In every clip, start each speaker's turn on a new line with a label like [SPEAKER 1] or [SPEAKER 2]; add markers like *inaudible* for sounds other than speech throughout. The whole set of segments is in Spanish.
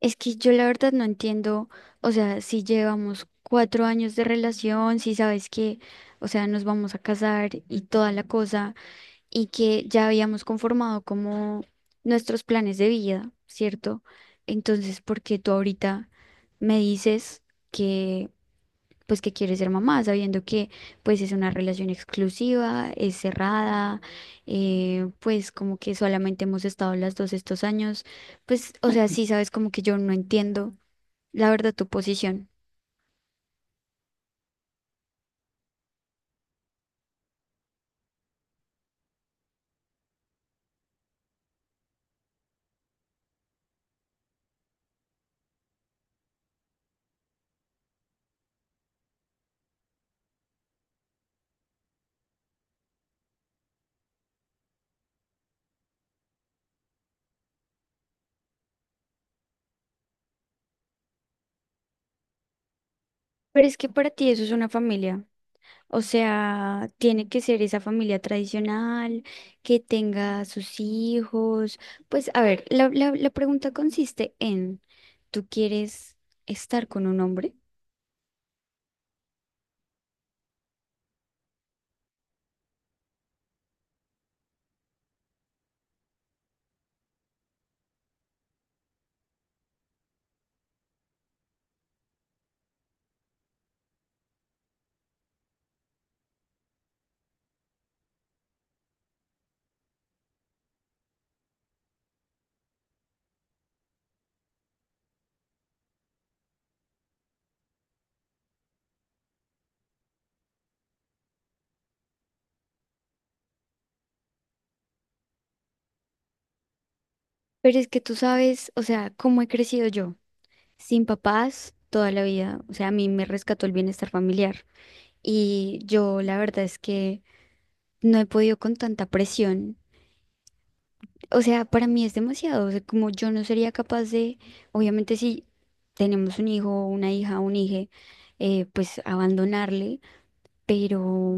[SPEAKER 1] Es que yo la verdad no entiendo, o sea, si llevamos 4 años de relación, si sabes que, o sea, nos vamos a casar y toda la cosa, y que ya habíamos conformado como nuestros planes de vida, ¿cierto? Entonces, ¿por qué tú ahorita me dices pues que quiere ser mamá, sabiendo que pues es una relación exclusiva, es cerrada, pues como que solamente hemos estado las dos estos años, pues o sea, sí sabes como que yo no entiendo la verdad tu posición, pero es que para ti eso es una familia. O sea, tiene que ser esa familia tradicional, que tenga sus hijos. Pues, a ver, la pregunta consiste en, ¿tú quieres estar con un hombre? Pero es que tú sabes, o sea, cómo he crecido yo, sin papás toda la vida. O sea, a mí me rescató el bienestar familiar. Y yo la verdad es que no he podido con tanta presión. O sea, para mí es demasiado. O sea, como yo no sería capaz de, obviamente si tenemos un hijo, una hija, un hije, pues abandonarle, pero.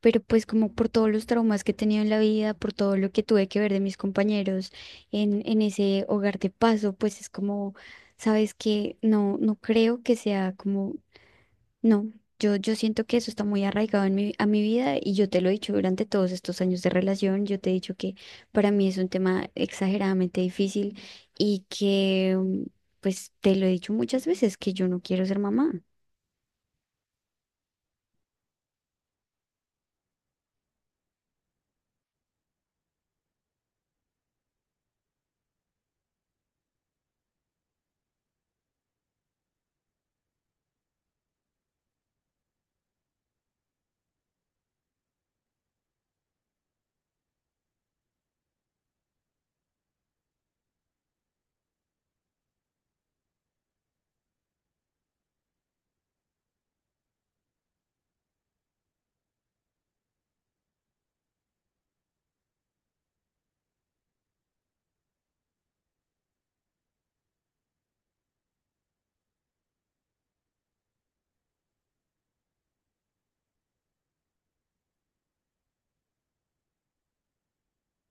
[SPEAKER 1] Pero pues como por todos los traumas que he tenido en la vida, por todo lo que tuve que ver de mis compañeros en ese hogar de paso, pues es como, sabes que no, no creo que sea como. No, yo siento que eso está muy arraigado a mi vida y yo te lo he dicho durante todos estos años de relación, yo te he dicho que para mí es un tema exageradamente difícil y que, pues te lo he dicho muchas veces, que yo no quiero ser mamá.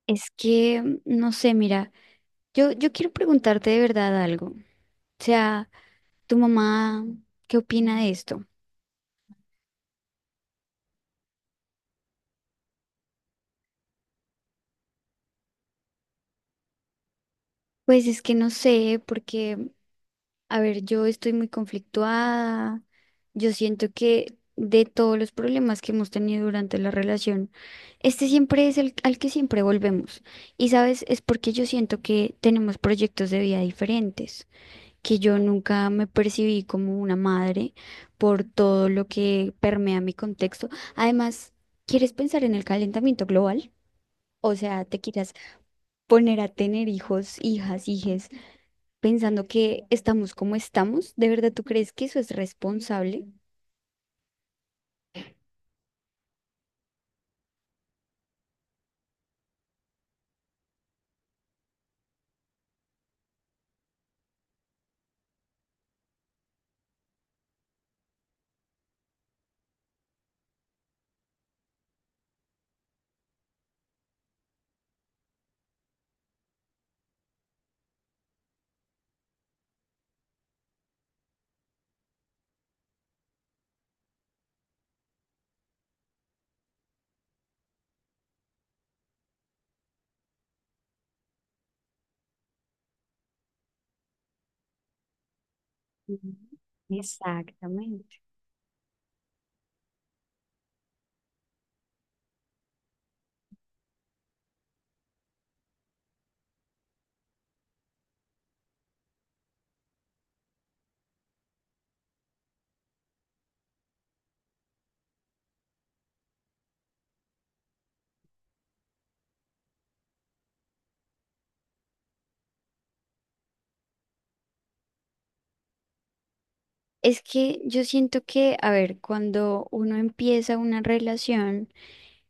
[SPEAKER 1] Es que, no sé, mira, yo quiero preguntarte de verdad algo. O sea, ¿tu mamá qué opina de esto? Pues es que no sé, porque. A ver, yo estoy muy conflictuada. Yo siento que de todos los problemas que hemos tenido durante la relación, este siempre es el al que siempre volvemos. Y sabes, es porque yo siento que tenemos proyectos de vida diferentes, que yo nunca me percibí como una madre por todo lo que permea mi contexto. Además, ¿quieres pensar en el calentamiento global? O sea, te quieras poner a tener hijos, hijas, hijes pensando que estamos como estamos, ¿de verdad tú crees que eso es responsable? Es que yo siento que, a ver, cuando uno empieza una relación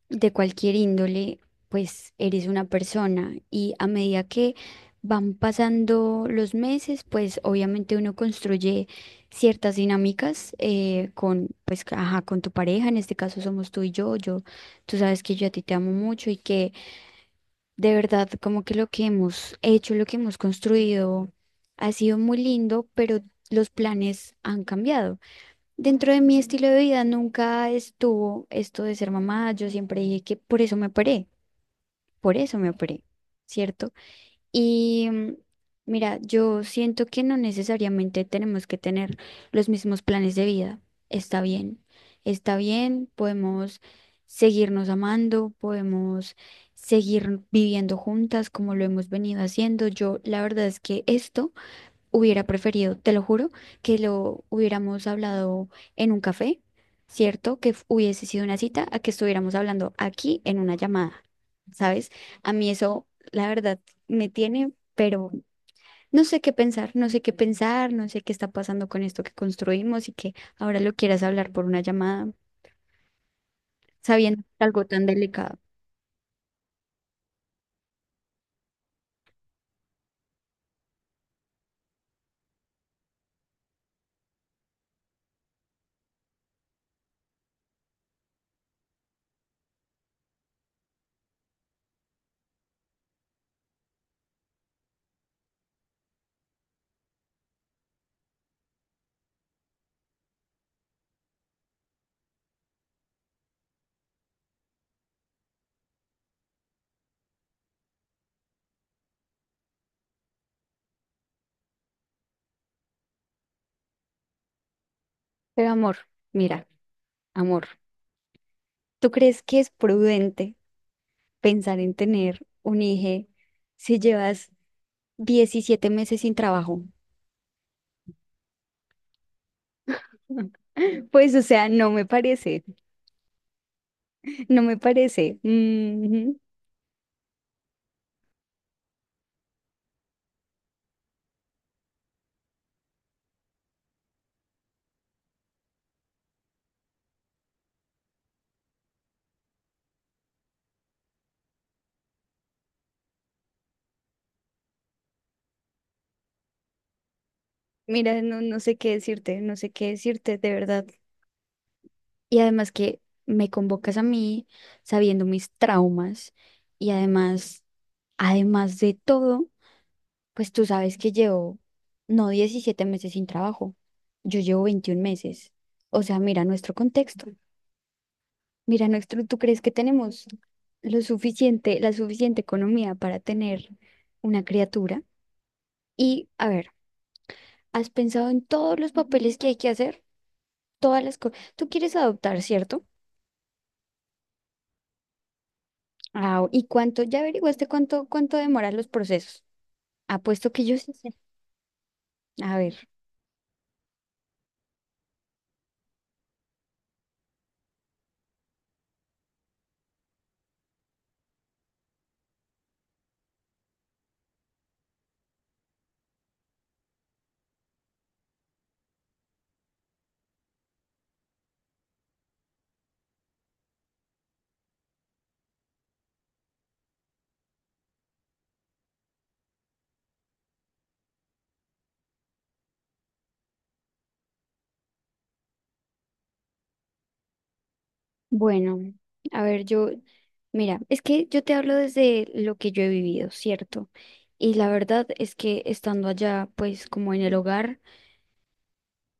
[SPEAKER 1] de cualquier índole, pues eres una persona y a medida que van pasando los meses, pues obviamente uno construye ciertas dinámicas pues, ajá, con tu pareja, en este caso somos tú y yo, tú sabes que yo a ti te amo mucho y que. De verdad, como que lo que hemos hecho, lo que hemos construido ha sido muy lindo, pero los planes han cambiado. Dentro de mi estilo de vida nunca estuvo esto de ser mamá. Yo siempre dije que por eso me operé, por eso me operé, ¿cierto? Y mira, yo siento que no necesariamente tenemos que tener los mismos planes de vida. Está bien, está bien, podemos seguirnos amando, podemos seguir viviendo juntas como lo hemos venido haciendo. Yo, la verdad es que esto. Hubiera preferido, te lo juro, que lo hubiéramos hablado en un café, ¿cierto? Que hubiese sido una cita a que estuviéramos hablando aquí en una llamada, ¿sabes? A mí eso, la verdad, me tiene, pero no sé qué pensar, no sé qué pensar, no sé qué está pasando con esto que construimos y que ahora lo quieras hablar por una llamada, sabiendo que es algo tan delicado. Pero amor, mira, amor, ¿tú crees que es prudente pensar en tener un hijo si llevas 17 meses sin trabajo? *laughs* Pues, o sea, no me parece, no me parece. Ujú. Mira, no, no sé qué decirte, no sé qué decirte, de verdad. Y además que me convocas a mí sabiendo mis traumas y además, además de todo, pues tú sabes que llevo, no 17 meses sin trabajo, yo llevo 21 meses. O sea, mira nuestro contexto. Mira, nuestro, ¿tú crees que tenemos lo suficiente, la suficiente economía para tener una criatura? Y, a ver, ¿has pensado en todos los papeles que hay que hacer? Todas las cosas. Tú quieres adoptar, ¿cierto? Ah, ¿y cuánto? ¿Ya averiguaste cuánto demoran los procesos? Apuesto que yo sí sé. A ver, bueno, a ver, yo, mira, es que yo te hablo desde lo que yo he vivido, ¿cierto? Y la verdad es que estando allá, pues como en el hogar,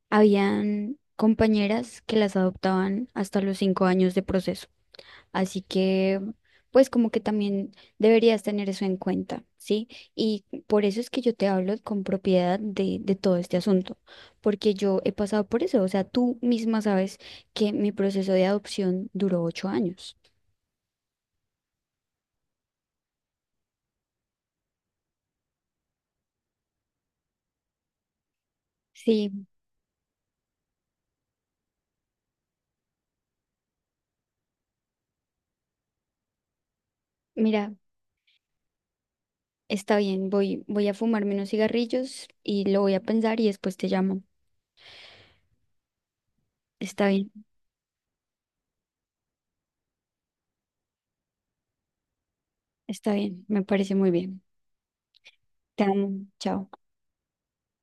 [SPEAKER 1] habían compañeras que las adoptaban hasta los 5 años de proceso. Así que, pues como que también deberías tener eso en cuenta, ¿sí? Y por eso es que yo te hablo con propiedad de todo este asunto, porque yo he pasado por eso. O sea, tú misma sabes que mi proceso de adopción duró 8 años. Sí, mira, está bien, voy a fumarme unos cigarrillos y lo voy a pensar y después te llamo. Está bien, está bien, me parece muy bien. Te amo, chao.